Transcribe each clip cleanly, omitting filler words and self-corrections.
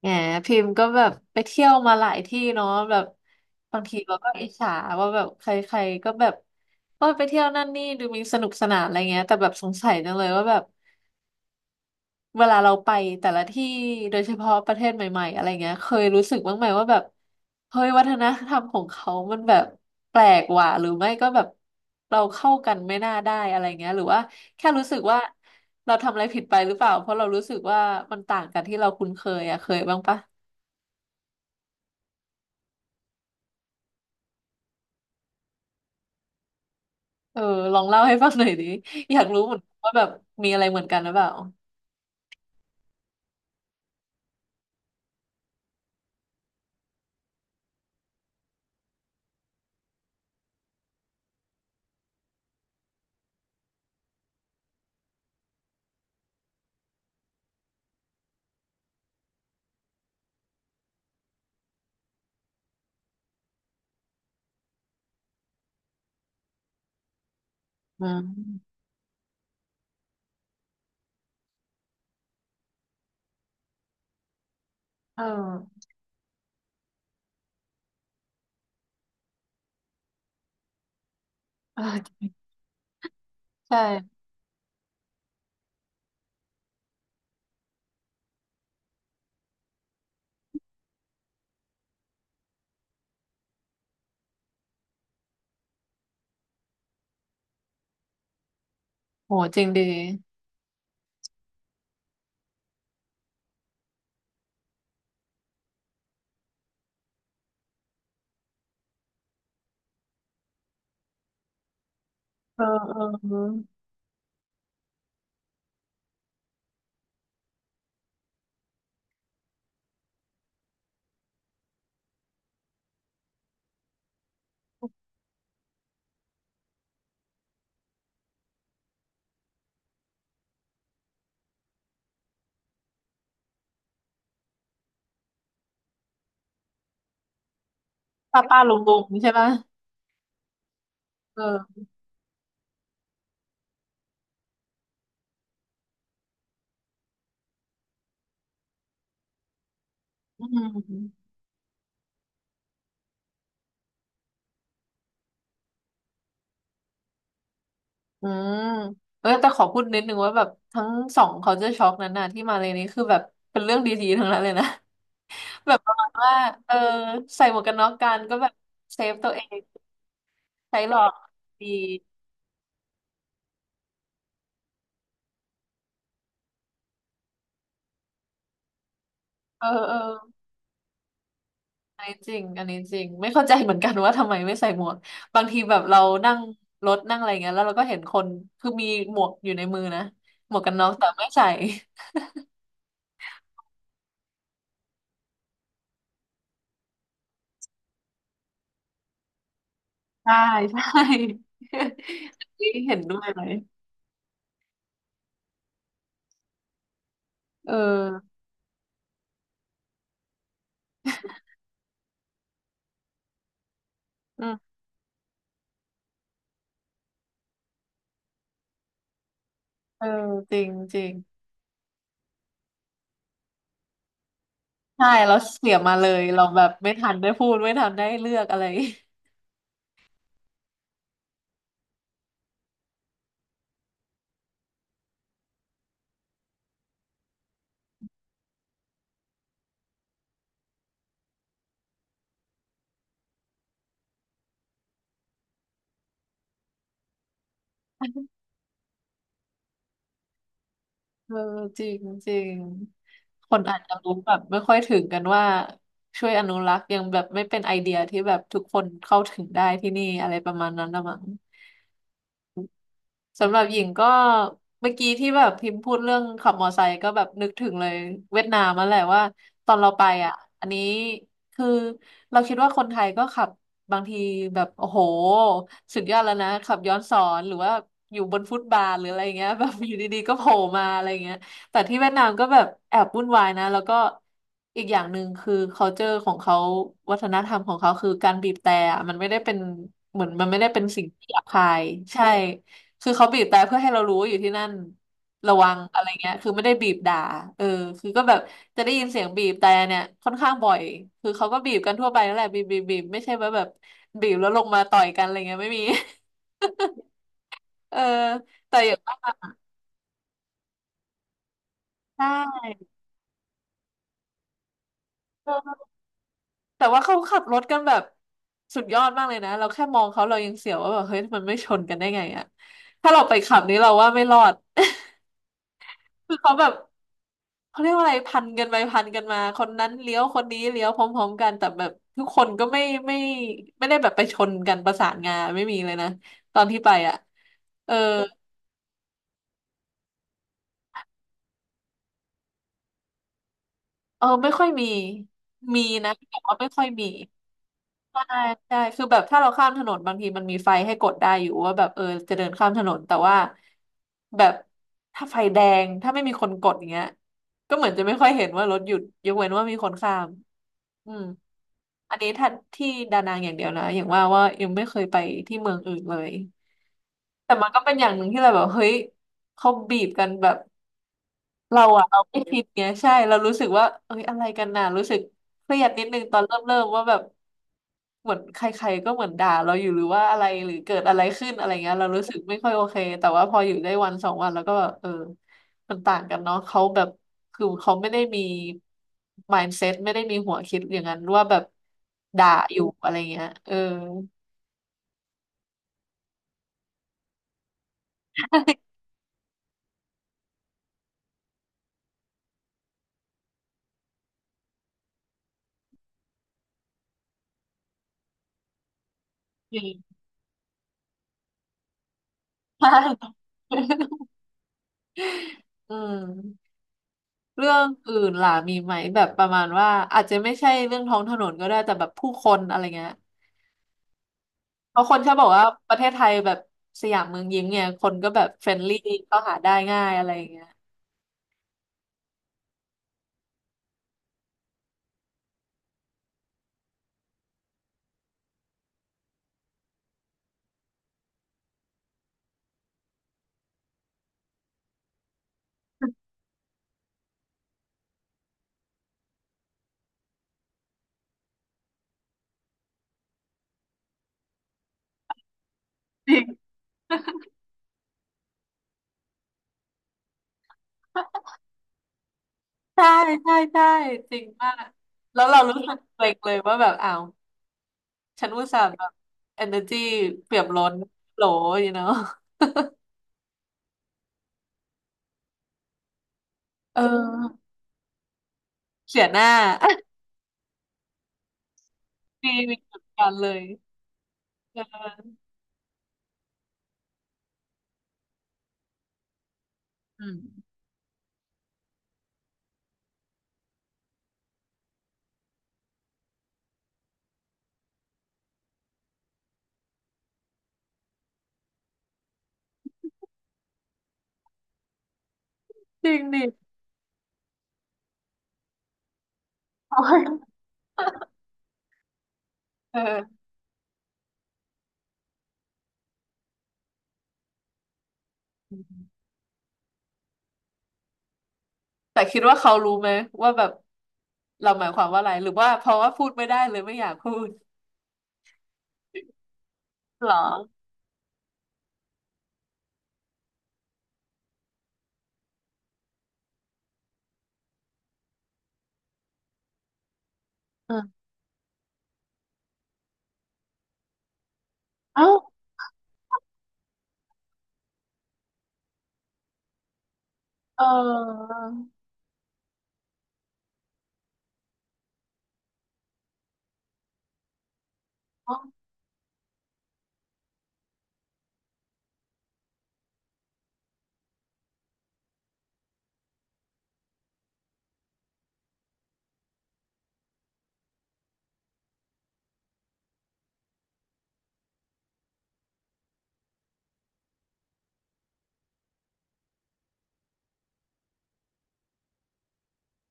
แหมพิมพ์ก็แบบไปเที่ยวมาหลายที่เนาะแบบบางทีเราก็อิจฉาว่าแบบใครๆก็แบบโอ้ยไปเที่ยวนั่นนี่ดูมีสนุกสนานอะไรเงี้ยแต่แบบสงสัยจังเลยว่าแบบเวลาเราไปแต่ละที่โดยเฉพาะประเทศใหม่ๆอะไรเงี้ยเคยรู้สึกบ้างไหมว่าแบบเฮ้ยวัฒนธรรมของเขามันแบบแปลกว่ะหรือไม่ก็แบบเราเข้ากันไม่น่าได้อะไรเงี้ยหรือว่าแค่รู้สึกว่าเราทำอะไรผิดไปหรือเปล่าเพราะเรารู้สึกว่ามันต่างกันที่เราคุ้นเคยอะเคยบ้างปะ เออลองเล่าให้ฟังหน่อยดิอยากรู้เหมือนกันว่าแบบมีอะไรเหมือนกันหรือเปล่าอืมเออเออใช่โหจริงดีเออเออเออป้าป้าลุงลุงใช่ปะเอออืมอืมเออแต่ขอพูดนิดนึงว่าแบบทั้งสองเขาจะช็อกนั้นน่ะที่มาเลยนี้คือแบบเป็นเรื่องดีๆทั้งนั้นเลยนะ แบบประมาณว่าเออใส่หมวกกันน็อกกันก็แบบเซฟตัวเองใช้หลอกดีเออเออ อันนี้จริงอันนี้จริง ไม่เข้าใจเหมือนกันว่าทำไมไม่ใส่หมวกบางทีแบบเรานั่งรถนั่งอะไรเงี้ยแล้วเราก็เห็นคน คือมีหมวกอยู่ในมือนะหมวกกันน็อกแต่ไม่ใส่ ใช่ใช่ อันนี้เห็นด้วยเลยเอออืมเออจริงจริงใช่เราเสียมาเลยเราแบบไม่ทันได้พูดไม่ทันได้เลือกอะไร เออจริงจริงคนอาจจะรู้แบบไม่ค่อยถึงกันว่าช่วยอนุรักษ์ยังแบบไม่เป็นไอเดียที่แบบทุกคนเข้าถึงได้ที่นี่อะไรประมาณนั้นละมั้ง สำหรับหญิงก็เมื่อกี้ที่แบบพิมพ์พูดเรื่องขับมอไซค์ก็แบบนึกถึงเลยเวียดนามมาแหละว่าตอนเราไปอ่ะอันนี้คือเราคิดว่าคนไทยก็ขับบางทีแบบโอ้โหสุดยอดแล้วนะขับย้อนสอนหรือว่าอยู่บนฟุตบาทหรืออะไรเงี้ยแบบอยู่ดีๆก็โผล่มาอะไรเงี้ยแต่ที่เวียดนามก็แบบแอบวุ่นวายนะแล้วก็อีกอย่างหนึ่งคือ culture ของเขาวัฒนธรรมของเขาคือการบีบแตรอะมันไม่ได้เป็นเหมือนมันไม่ได้เป็นสิ่งที่หยาบคายใช่ คือเขาบีบแต่เพื่อให้เรารู้ว่าอยู่ที่นั่นระวังอะไรเงี้ยคือไม่ได้บีบด่าเออคือก็แบบจะได้ยินเสียงบีบแต่เนี่ยค่อนข้างบ่อยคือเขาก็บีบกันทั่วไปนั่นแหละบีบบีบบีบไม่ใช่ว่าแบบบีบแล้วลงมาต่อยกันอะไรเงี้ยไม่มี เออแต่อย่างว่าใช่เออแต่ว่าเขาขับรถกันแบบสุดยอดมากเลยนะเราแค่มองเขาเรายังเสียวว่าแบบเฮ้ยมันไม่ชนกันได้ไงอะถ้าเราไปขับนี้เราว่าไม่รอด คือเขาแบบ เขาเรียกว่าอะไรพันกันไปพันกันมาคนนั้นเลี้ยวคนนี้เลี้ยวพร้อมๆกันแต่แบบทุกคนก็ไม่ไม่ได้แบบไปชนกันประสานงานไม่มีเลยนะตอนที่ไปอ่ะเออเออไม่ค่อยมีมีนะแต่ว่าไม่ค่อยมี ใช่ใช่คือแบบถ้าเราข้ามถนนบางทีมันมีไฟให้กดได้อยู่ว่าแบบเออจะเดินข้ามถนนแต่ว่าแบบถ้าไฟแดงถ้าไม่มีคนกดอย่างเงี้ยก็เหมือนจะไม่ค่อยเห็นว่ารถหยุดยกเว้นว่ามีคนข้ามอืมอันนี้ถ้าที่ดานังอย่างเดียวนะอย่างว่าว่ายังไม่เคยไปที่เมืองอื่นเลยแต่มันก็เป็นอย่างหนึ่งที่เราแบบเฮ้ยเขาบีบกันแบบ เราอะเราไม่คิดไงใช่เรารู้สึกว่าเอ้ยอะไรกันน่ะรู้สึกเครียดนิดนึงตอนเริ่มว่าแบบเหมือนใครๆก็เหมือนด่าเราอยู่หรือว่าอะไรหรือเกิดอะไรขึ้นอะไรเงี้ยเรารู้สึกไม่ค่อยโอเคแต่ว่าพออยู่ได้วันสองวันแล้วก็แบบเออมันต่างกันเนาะเขาแบบคือเขาไม่ได้มี mindset ไม่ได้มีหัวคิดอย่างนั้นว่าแบบด่าอยู่อะไรเงี้ยเออ จริงใช่ อืม เรื่องอื่นล่ะมีไหมแบบประมาณว่าอาจจะไม่ใช่เรื่องท้องถนนก็ได้แต่แบบผู้คนอะไรเงี้ยเพราะคนชอบบอกว่าประเทศไทยแบบสยามเมืองยิ้มเนี่ยคนก็แบบเฟรนลี่เข้าหาได้ง่ายอะไรเงี้ย ใช่ใช่ใช่จริงมากแล้วเรารู้สึกเกรงเลยว่าแบบอ้าวฉันอุตส่าห์แบบเอเนอร์จีเปี่ยมล้นโหลอยู่เนาะเออเสียหน้า มีเหมือนกันเลยเอออืมจริงดิ โอ้ยเออ แต่คิดว่าเขารู้ไหมว่าแบบเราหมายความว่าอะไรหรือว่าเพราะว่าพูดไม่ได้เลยไม่อยากพูดเหรอเออเอ้าเอออ๋อ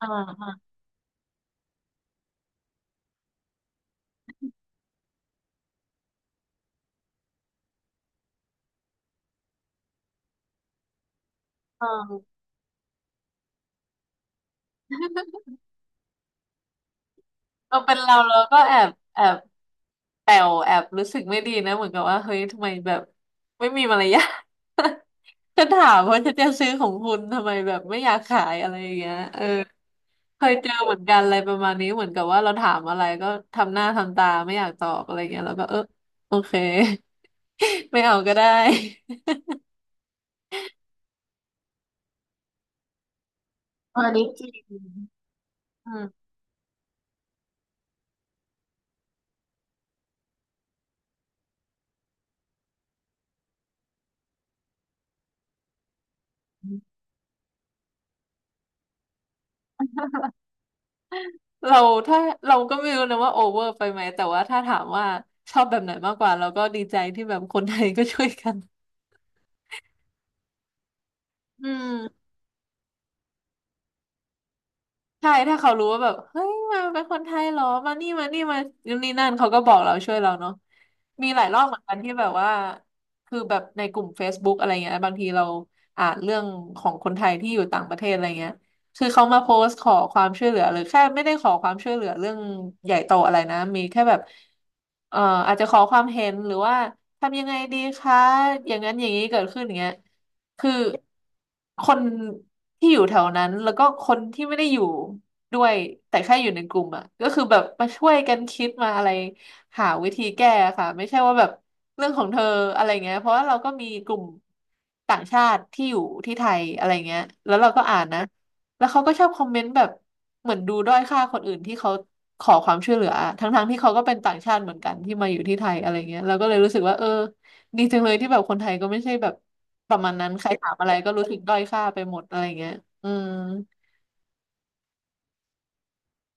อ่าอ่าอ่าก็เป็นเราก็แอบแปลวแอบรู้สึกไม่ดีนะเหมือนกับว่าเฮ้ยทำไมแบบไม่มีมารยาท ฉัถามว่าจะนจะซื้อของคุณทำไมแบบไม่อยากขายอะไรอย่างเงี้ยเออเคยเจอเหมือนกันอะไรประมาณนี้เหมือนกับว่าเราถามอะไรก็ทำหน้าทำตาไม่อยากตอบอะไรเงี้ยแล้วก็เออโอเค ไม่เอาก็ได้อันนี้จริงอืมเราถ้าเราก็ไม่รู้นะว่าโอเวอร์ไปไหม แต่ว่าถ้าถามว่าชอบแบบไหนมากกว่าเราก็ดีใจที่แบบคนไทยก็ช่วยกัน อืม ใช่ถ้าเขารู้ว่าแบบเฮ้ยมาเป็นคนไทยเหรอมานี่มานู่นนี่นั่นเขาก็บอกเราช่วยเราเนาะมีหลายรอบเหมือนกันที่แบบว่าคือแบบในกลุ่ม Facebook อะไรเงี้ยบางทีเราอ่านเรื่องของคนไทยที่อยู่ต่างประเทศอะไรเงี้ยคือเขามาโพสต์ขอความช่วยเหลือหรือแค่ไม่ได้ขอความช่วยเหลือเรื่องใหญ่โตอะไรนะมีแค่แบบเอ่ออาจจะขอความเห็นหรือว่าทำยังไงดีคะอย่างนั้นอย่างนี้เกิดขึ้นอย่างเงี้ย คือคนที่อยู่แถวนั้นแล้วก็คนที่ไม่ได้อยู่ด้วยแต่แค่อยู่ในกลุ่มอ่ะก็คือแบบมาช่วยกันคิดมาอะไรหาวิธีแก้ค่ะไม่ใช่ว่าแบบเรื่องของเธออะไรเงี้ยเพราะว่าเราก็มีกลุ่มต่างชาติที่อยู่ที่ไทยอะไรเงี้ยแล้วเราก็อ่านนะแล้วเขาก็ชอบคอมเมนต์แบบเหมือนดูด้อยค่าคนอื่นที่เขาขอความช่วยเหลืออทั้งๆที่เขาก็เป็นต่างชาติเหมือนกันที่มาอยู่ที่ไทยอะไรเงี้ยเราก็เลยรู้สึกว่าเออ ดีจังเลยที่แบบคนไทยก็ไม่ใช่แบบประมาณนั้นใครถามอะไรก็รู้สึกด้อยค่าไปหมดอะไรเงี้ยอืม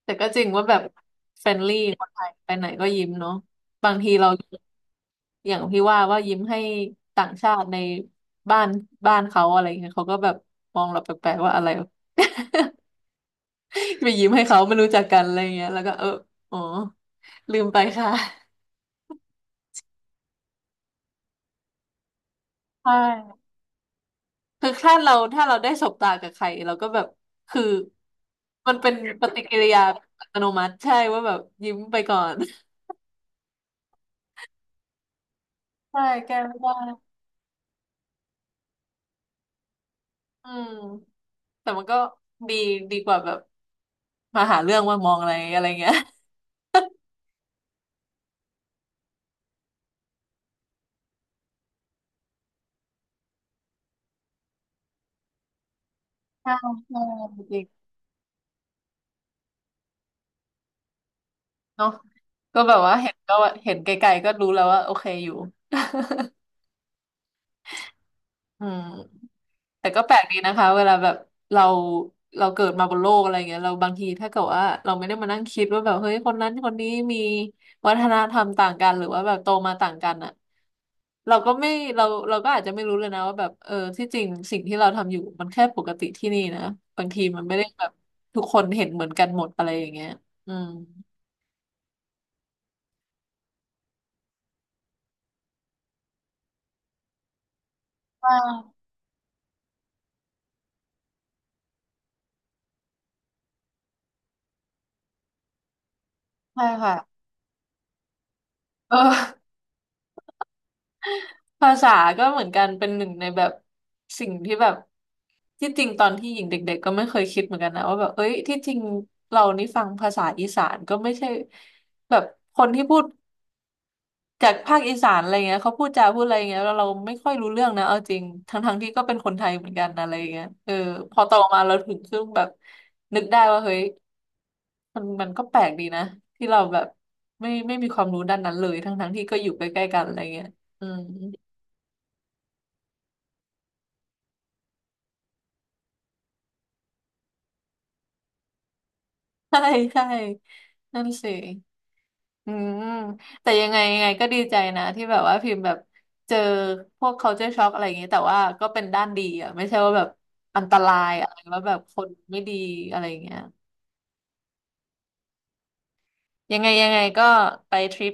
แต่ก็จริงว่าแบบเฟรนลี่คนไทยไปไหนก็ยิ้มเนาะบางทีเราอย่างพี่ว่าว่ายิ้มให้ต่างชาติในบ้านบ้านเขาอะไรเงี้ยเขาก็แบบมองเราแปลกๆว่าอะไร ไปยิ้มให้เขาไม่รู้จักกันอะไรเงี้ยแล้วก็เอออ๋อลืมไปค่ะใช่ คือถ้าเราได้สบตากับใครเราก็แบบคือมันเป็นปฏิกิริยาอัตโนมัติใช่ว่าแบบยิ้มไปก่อนใช่แก้ไม่ได้อืมแต่มันก็ดีดีกว่าแบบมาหาเรื่องว่ามองอะไรอะไรเงี้ยใช่ใช่จริงเนาะก็แบบว่าเห็นก็ว่าเห็นไกลๆก็รู้แล้วว่าโอเคอยู่ อืมแต่ก็แปลกดีนะคะเวลาแบบเราเราเกิดมาบนโลกอะไรเงี้ยเราบางทีถ้าเกิดว่าเราไม่ได้มานั่งคิดว่าแบบเฮ้ยคนนั้นคนนี้มีวัฒนธรรมต่างกันหรือว่าแบบโตมาต่างกันอ่ะเราก็ไม่เราก็อาจจะไม่รู้เลยนะว่าแบบเออที่จริงสิ่งที่เราทำอยู่มันแค่ปกติที่นี่นะบางทีมันไม่ได้แบบทุกคนเห็นเหมือนกันหมดอะไรอย่างเงี้ยอืมใช่ใช่ค่ะเออ ภาษาก็เหมือนกันเป็นหนึ่งในแบบสิ่งที่แบบที่จริงตอนที่หญิงเด็กๆก็ไม่เคยคิดเหมือนกันนะว่าแบบเอ้ยที่จริงเรานี่ฟังภาษาอีสานก็ไม่ใช่แบบคนที่พูดจากภาคอีสานอะไรเงี้ยเขาพูดจาพูดอะไรเงี้ยแล้วเราไม่ค่อยรู้เรื่องนะเอาจริงทั้งๆที่ก็เป็นคนไทยเหมือนกันนะอะไรเงี้ยเออพอโตมาเราถึงซึ่งแบบนึกได้ว่าเฮ้ยมันก็แปลกดีนะที่เราแบบไม่มีความรู้ด้านนั้นเลยทั้งๆที่ก็อยู่ใกล้ๆกันอะไรเงี้ยอืม ใช่ใช่ นั่นสิอืมแต่ยังไงยังไงก็ดีใจนะที่แบบว่าพิมพ์แบบเจอพวก culture shock อะไรอย่างนี้แต่ว่าก็เป็นด้านดีอ่ะไม่ใช่ว่าแบบอันตรายอะไรว่าแบบคนไม่ดีอะไรอย่างเงี้ยยังไงยังไงก็ไปทริป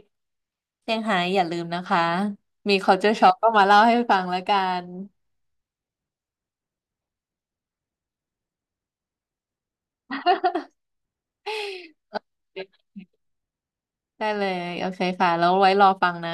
เซี่ยงไฮ้อย่าลืมนะคะมี culture shock ก็มาเล่าให้ฟังแล้วกันได้เลยโอเคค่ะแล้วไว้รอฟังนะ